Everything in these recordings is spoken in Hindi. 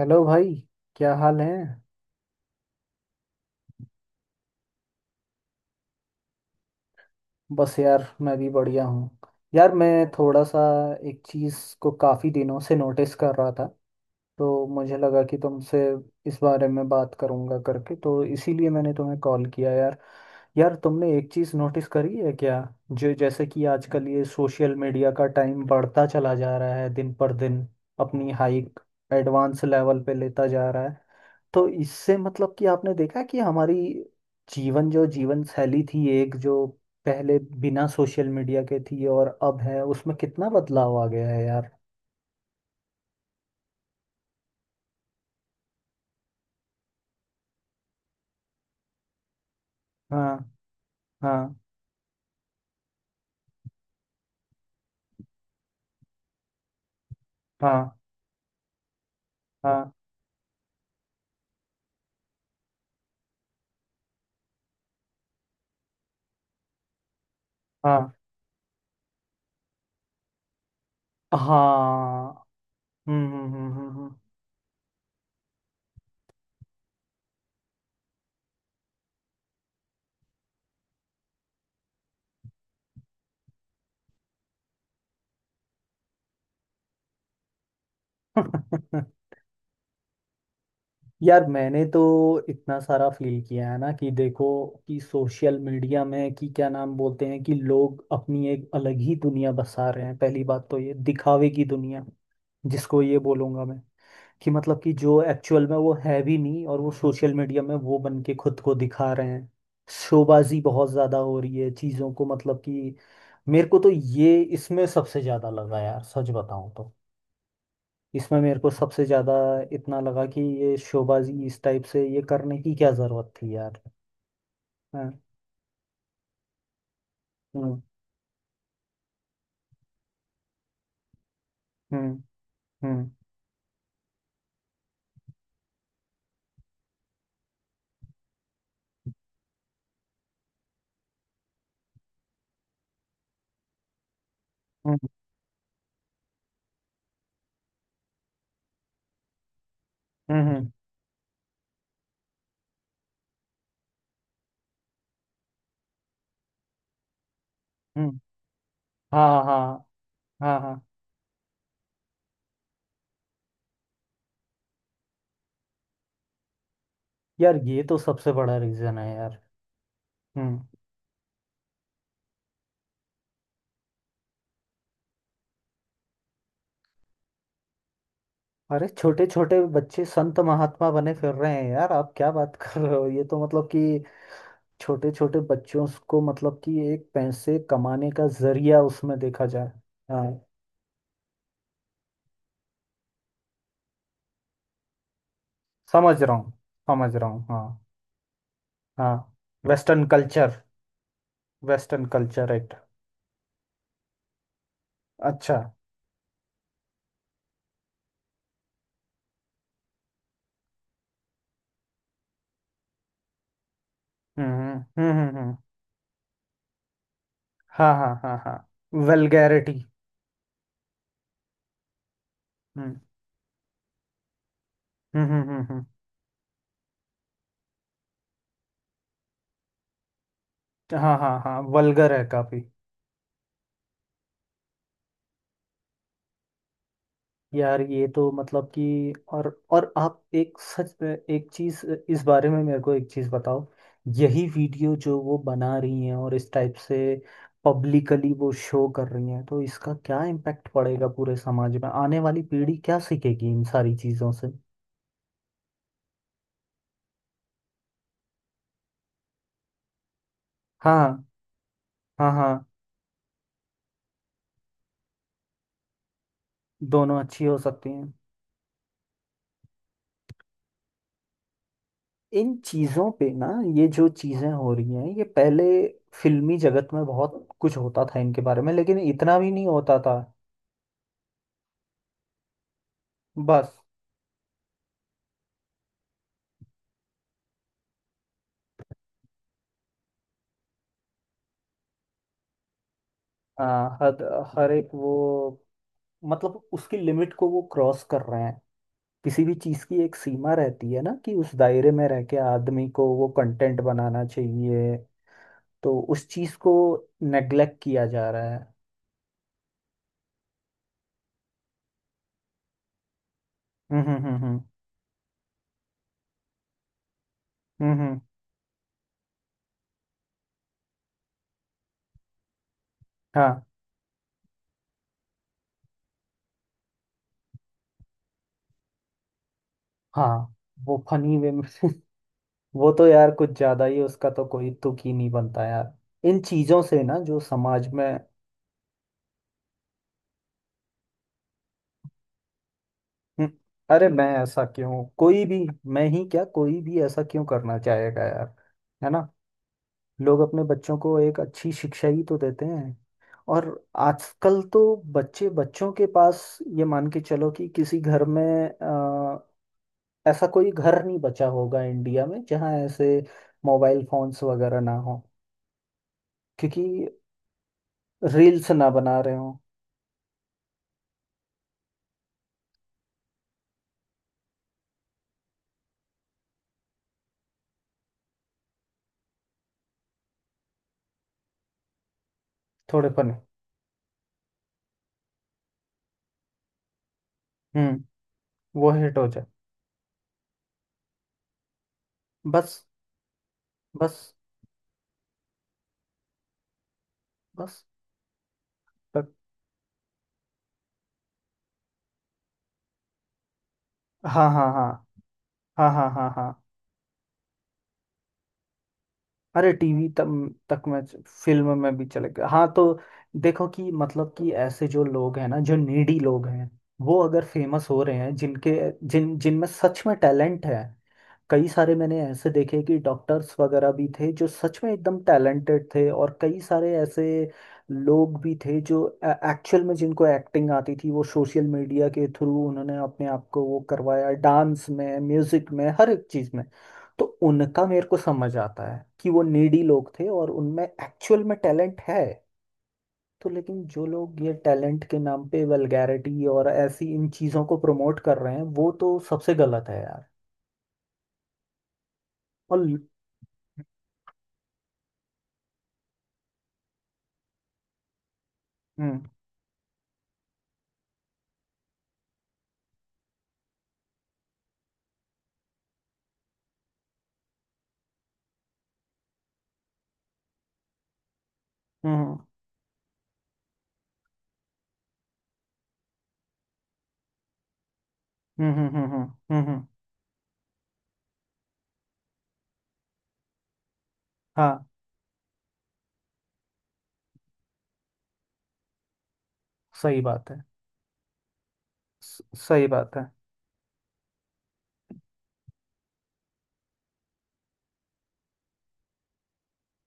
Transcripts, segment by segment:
हेलो भाई। क्या हाल है? बस यार, मैं भी बढ़िया हूँ। यार, मैं थोड़ा सा एक चीज़ को काफ़ी दिनों से नोटिस कर रहा था। तो मुझे लगा कि तुमसे इस बारे में बात करूँगा करके, तो इसीलिए मैंने तुम्हें कॉल किया यार। यार, तुमने एक चीज़ नोटिस करी है क्या? जो जैसे कि आजकल ये सोशल मीडिया का टाइम बढ़ता चला जा रहा है दिन पर दिन। अपनी हाइक एडवांस लेवल पे लेता जा रहा है। तो इससे मतलब कि आपने देखा कि हमारी जीवन, जो जीवन शैली थी एक जो पहले बिना सोशल मीडिया के थी और अब है, उसमें कितना बदलाव आ गया है यार। हाँ, हाँ, हाँ, हाँ, हाँ, हाँ। हम्म, हम्म, हम्म, हम्म। यार, मैंने तो इतना सारा फील किया है ना कि देखो कि सोशल मीडिया में कि क्या नाम बोलते हैं, कि लोग अपनी एक अलग ही दुनिया बसा रहे हैं। पहली बात तो ये दिखावे की दुनिया, जिसको ये बोलूंगा मैं, कि मतलब कि जो एक्चुअल में वो है भी नहीं और वो सोशल मीडिया में वो बन के खुद को दिखा रहे हैं। शोबाजी बहुत ज़्यादा हो रही है चीज़ों को, मतलब कि मेरे को तो ये इसमें सबसे ज़्यादा लगा यार, सच बताऊं तो। इसमें मेरे को सबसे ज़्यादा इतना लगा कि ये शोबाजी इस टाइप से ये करने की क्या ज़रूरत थी यार। हाँ, हम्म, हम्म, हम्म, हम्म, हम्म, हम्म, हाँ, हाँ, हाँ, हाँ। यार, ये तो सबसे बड़ा रीज़न है यार। हम्म। अरे, छोटे छोटे बच्चे संत महात्मा बने फिर रहे हैं यार। आप क्या बात कर रहे हो? ये तो मतलब कि छोटे छोटे बच्चों को मतलब कि एक पैसे कमाने का जरिया उसमें देखा जाए। हाँ, समझ रहा हूँ। समझ रहा हूँ, हाँ। हाँ। Western culture. Western culture act. अच्छा। हम्म, हम्म, हम्म, हम्म, हाँ, हाँ, हाँ, हाँ। वेलगैरिटी। हम्म, हम्म, हम्म, हम्म, हाँ, हाँ, हाँ, वल्गर है काफी। यार, ये तो मतलब कि और आप एक सच में एक चीज इस बारे में मेरे को एक चीज बताओ। यही वीडियो जो वो बना रही हैं और इस टाइप से पब्लिकली वो शो कर रही हैं, तो इसका क्या इम्पैक्ट पड़ेगा पूरे समाज में? आने वाली पीढ़ी क्या सीखेगी इन सारी चीजों से? हाँ, हाँ, हाँ, दोनों अच्छी हो सकती हैं। इन चीजों पे ना, ये जो चीजें हो रही हैं ये पहले फिल्मी जगत में बहुत कुछ होता था इनके बारे में, लेकिन इतना भी नहीं होता था। बस। हाँ, हद। हर एक वो, मतलब उसकी लिमिट को वो क्रॉस कर रहे हैं। किसी भी चीज की एक सीमा रहती है ना कि उस दायरे में रह के आदमी को वो कंटेंट बनाना चाहिए। तो उस चीज को नेग्लेक्ट किया जा रहा है। हम्म, हम्म, हम्म, हम्म, हम्म, हम्म, हाँ, हाँ। वो फनी वे में। वो तो यार कुछ ज्यादा ही, उसका तो कोई तुक ही नहीं बनता यार। इन चीजों से ना जो समाज में। हम्म। अरे, मैं ऐसा क्यों, कोई भी, मैं ही क्या, कोई भी ऐसा क्यों करना चाहेगा यार? है ना, लोग अपने बच्चों को एक अच्छी शिक्षा ही तो देते हैं। और आजकल तो बच्चे बच्चों के पास, ये मान के चलो कि किसी घर में, अ, ऐसा कोई घर नहीं बचा होगा इंडिया में जहाँ ऐसे मोबाइल फोन्स वगैरह ना हो, क्योंकि रील्स ना बना रहे हो। थोड़ेपन। हम्म। वो हिट हो जाए। बस, बस, बस। तक। हाँ, हाँ, हाँ, हाँ, हाँ, हाँ, हाँ। अरे, टीवी तक तक मैं, फिल्म में भी चले गया हाँ। तो देखो कि मतलब कि ऐसे जो लोग हैं ना, जो नीडी लोग हैं वो अगर फेमस हो रहे हैं, जिनके जिन जिनमें सच में टैलेंट है। कई सारे मैंने ऐसे देखे कि डॉक्टर्स वगैरह भी थे जो सच में एकदम टैलेंटेड थे, और कई सारे ऐसे लोग भी थे जो एक्चुअल में जिनको एक्टिंग आती थी, वो सोशल मीडिया के थ्रू उन्होंने अपने आप को वो करवाया डांस में म्यूजिक में हर एक चीज़ में। तो उनका मेरे को समझ आता है कि वो नीडी लोग थे और उनमें एक्चुअल में टैलेंट है। तो लेकिन जो लोग ये टैलेंट के नाम पे वल्गैरिटी और ऐसी इन चीज़ों को प्रमोट कर रहे हैं, वो तो सबसे गलत है यार। और हम्म, हम्म, हम्म, हम्म, हम्म, हम्म, हम्म, हम्म, हाँ, सही बात है। सही बात है।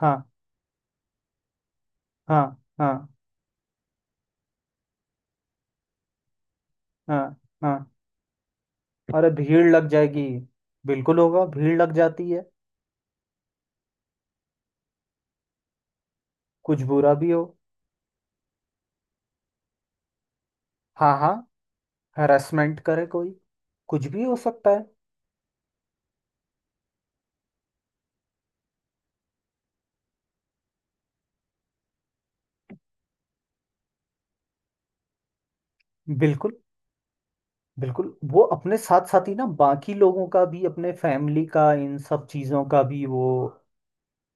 हाँ, हाँ, हाँ, हाँ, हाँ। अरे, भीड़ लग जाएगी। बिल्कुल होगा, भीड़ लग जाती है। कुछ बुरा भी हो। हाँ, हाँ, हरासमेंट करे कोई। कुछ भी हो सकता है। बिल्कुल, बिल्कुल। वो अपने साथ साथ ही ना बाकी लोगों का भी, अपने फैमिली का, इन सब चीजों का भी, वो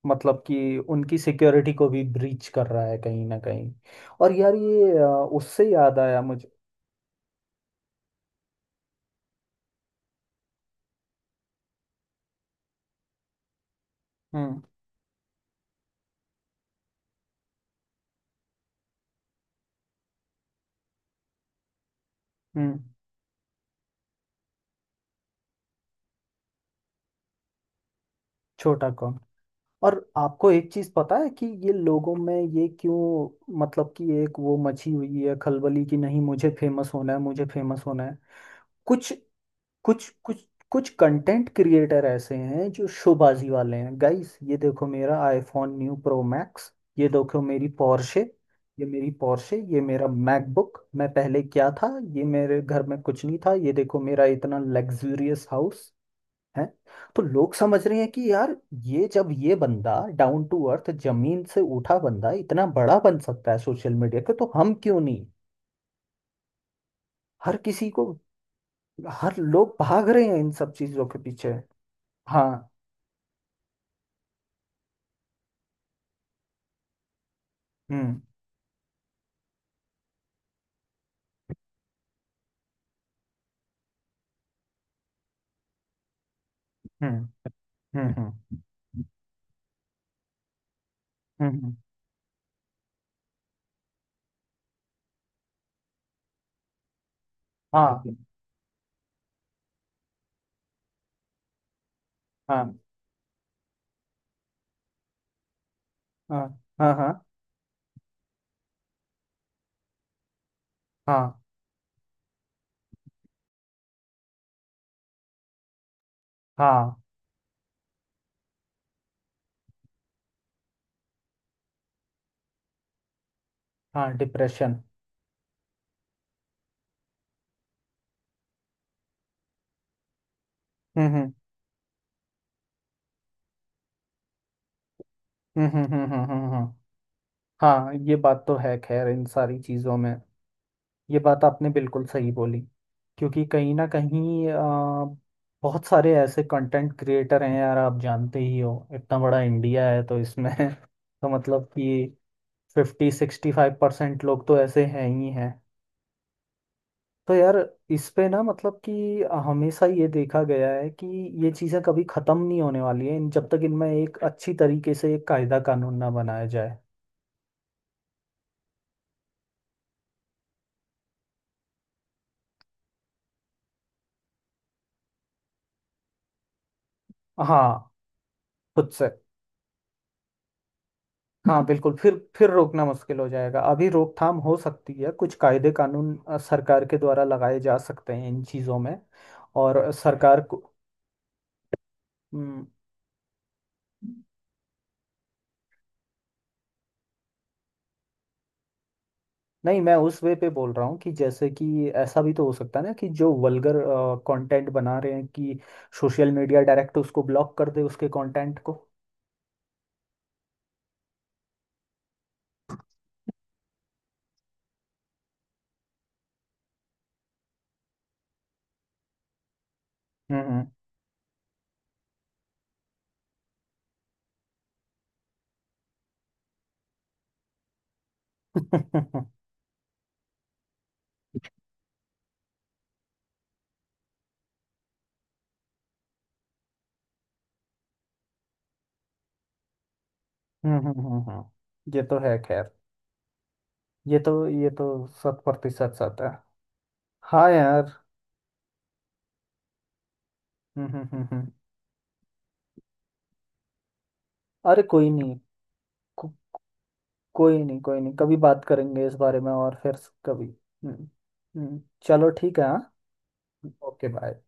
मतलब कि उनकी सिक्योरिटी को भी ब्रीच कर रहा है कहीं ना कहीं। और यार ये, उससे याद आया मुझे। हम्म, हम्म। छोटा कौन। और आपको एक चीज पता है कि ये लोगों में ये क्यों, मतलब कि एक वो मची हुई है खलबली कि नहीं मुझे फेमस होना है, मुझे फेमस होना है। कुछ कुछ कुछ कुछ कंटेंट क्रिएटर ऐसे हैं जो शोबाजी वाले हैं। गाइस ये देखो मेरा आईफोन न्यू प्रो मैक्स। ये देखो मेरी पोर्शे, ये मेरी पोर्शे, ये मेरा मैकबुक। मैं पहले क्या था, ये मेरे घर में कुछ नहीं था। ये देखो मेरा इतना लग्जूरियस हाउस है। तो लोग समझ रहे हैं कि यार, ये जब ये बंदा डाउन टू अर्थ, जमीन से उठा बंदा, इतना बड़ा बन सकता है सोशल मीडिया पे, तो हम क्यों नहीं? हर किसी को, हर लोग भाग रहे हैं इन सब चीजों के पीछे। हाँ, हम्म, हम्म, हम्म, हम्म, हम्म, हम्म, हाँ, हाँ, हाँ, हाँ, हाँ, हाँ, हाँ, हाँ, डिप्रेशन। हम्म, हम्म, हम्म, हम्म, हम्म, हम्म, हाँ, ये बात तो है खैर, इन सारी चीजों में। ये बात आपने बिल्कुल सही बोली। क्योंकि कहीं ना कहीं बहुत सारे ऐसे कंटेंट क्रिएटर हैं यार, आप जानते ही हो इतना बड़ा इंडिया है, तो इसमें तो मतलब कि 50-65% लोग तो ऐसे हैं ही हैं। तो यार, इस पे ना मतलब कि हमेशा ये देखा गया है कि ये चीज़ें कभी ख़त्म नहीं होने वाली है, इन जब तक इनमें एक अच्छी तरीके से एक कायदा कानून ना बनाया जाए। हाँ, खुद से। हाँ बिल्कुल, फिर रोकना मुश्किल हो जाएगा। अभी रोकथाम हो सकती है, कुछ कायदे कानून सरकार के द्वारा लगाए जा सकते हैं इन चीज़ों में। और सरकार को। हम्म। नहीं, मैं उस वे पे बोल रहा हूँ कि जैसे कि ऐसा भी तो हो सकता है ना कि जो वल्गर कंटेंट बना रहे हैं, कि सोशल मीडिया डायरेक्ट उसको ब्लॉक कर दे, उसके कंटेंट को। हम्म, हम्म। हम्म, हम्म। ये तो है खैर। ये तो शत प्रतिशत सच है। हाँ यार। हम्म, हम्म, हम्म, अरे, कोई नहीं। को- कोई नहीं, कोई नहीं। कभी बात करेंगे इस बारे में और फिर कभी। हम्म, हम्म। चलो ठीक है हाँ। Okay bye.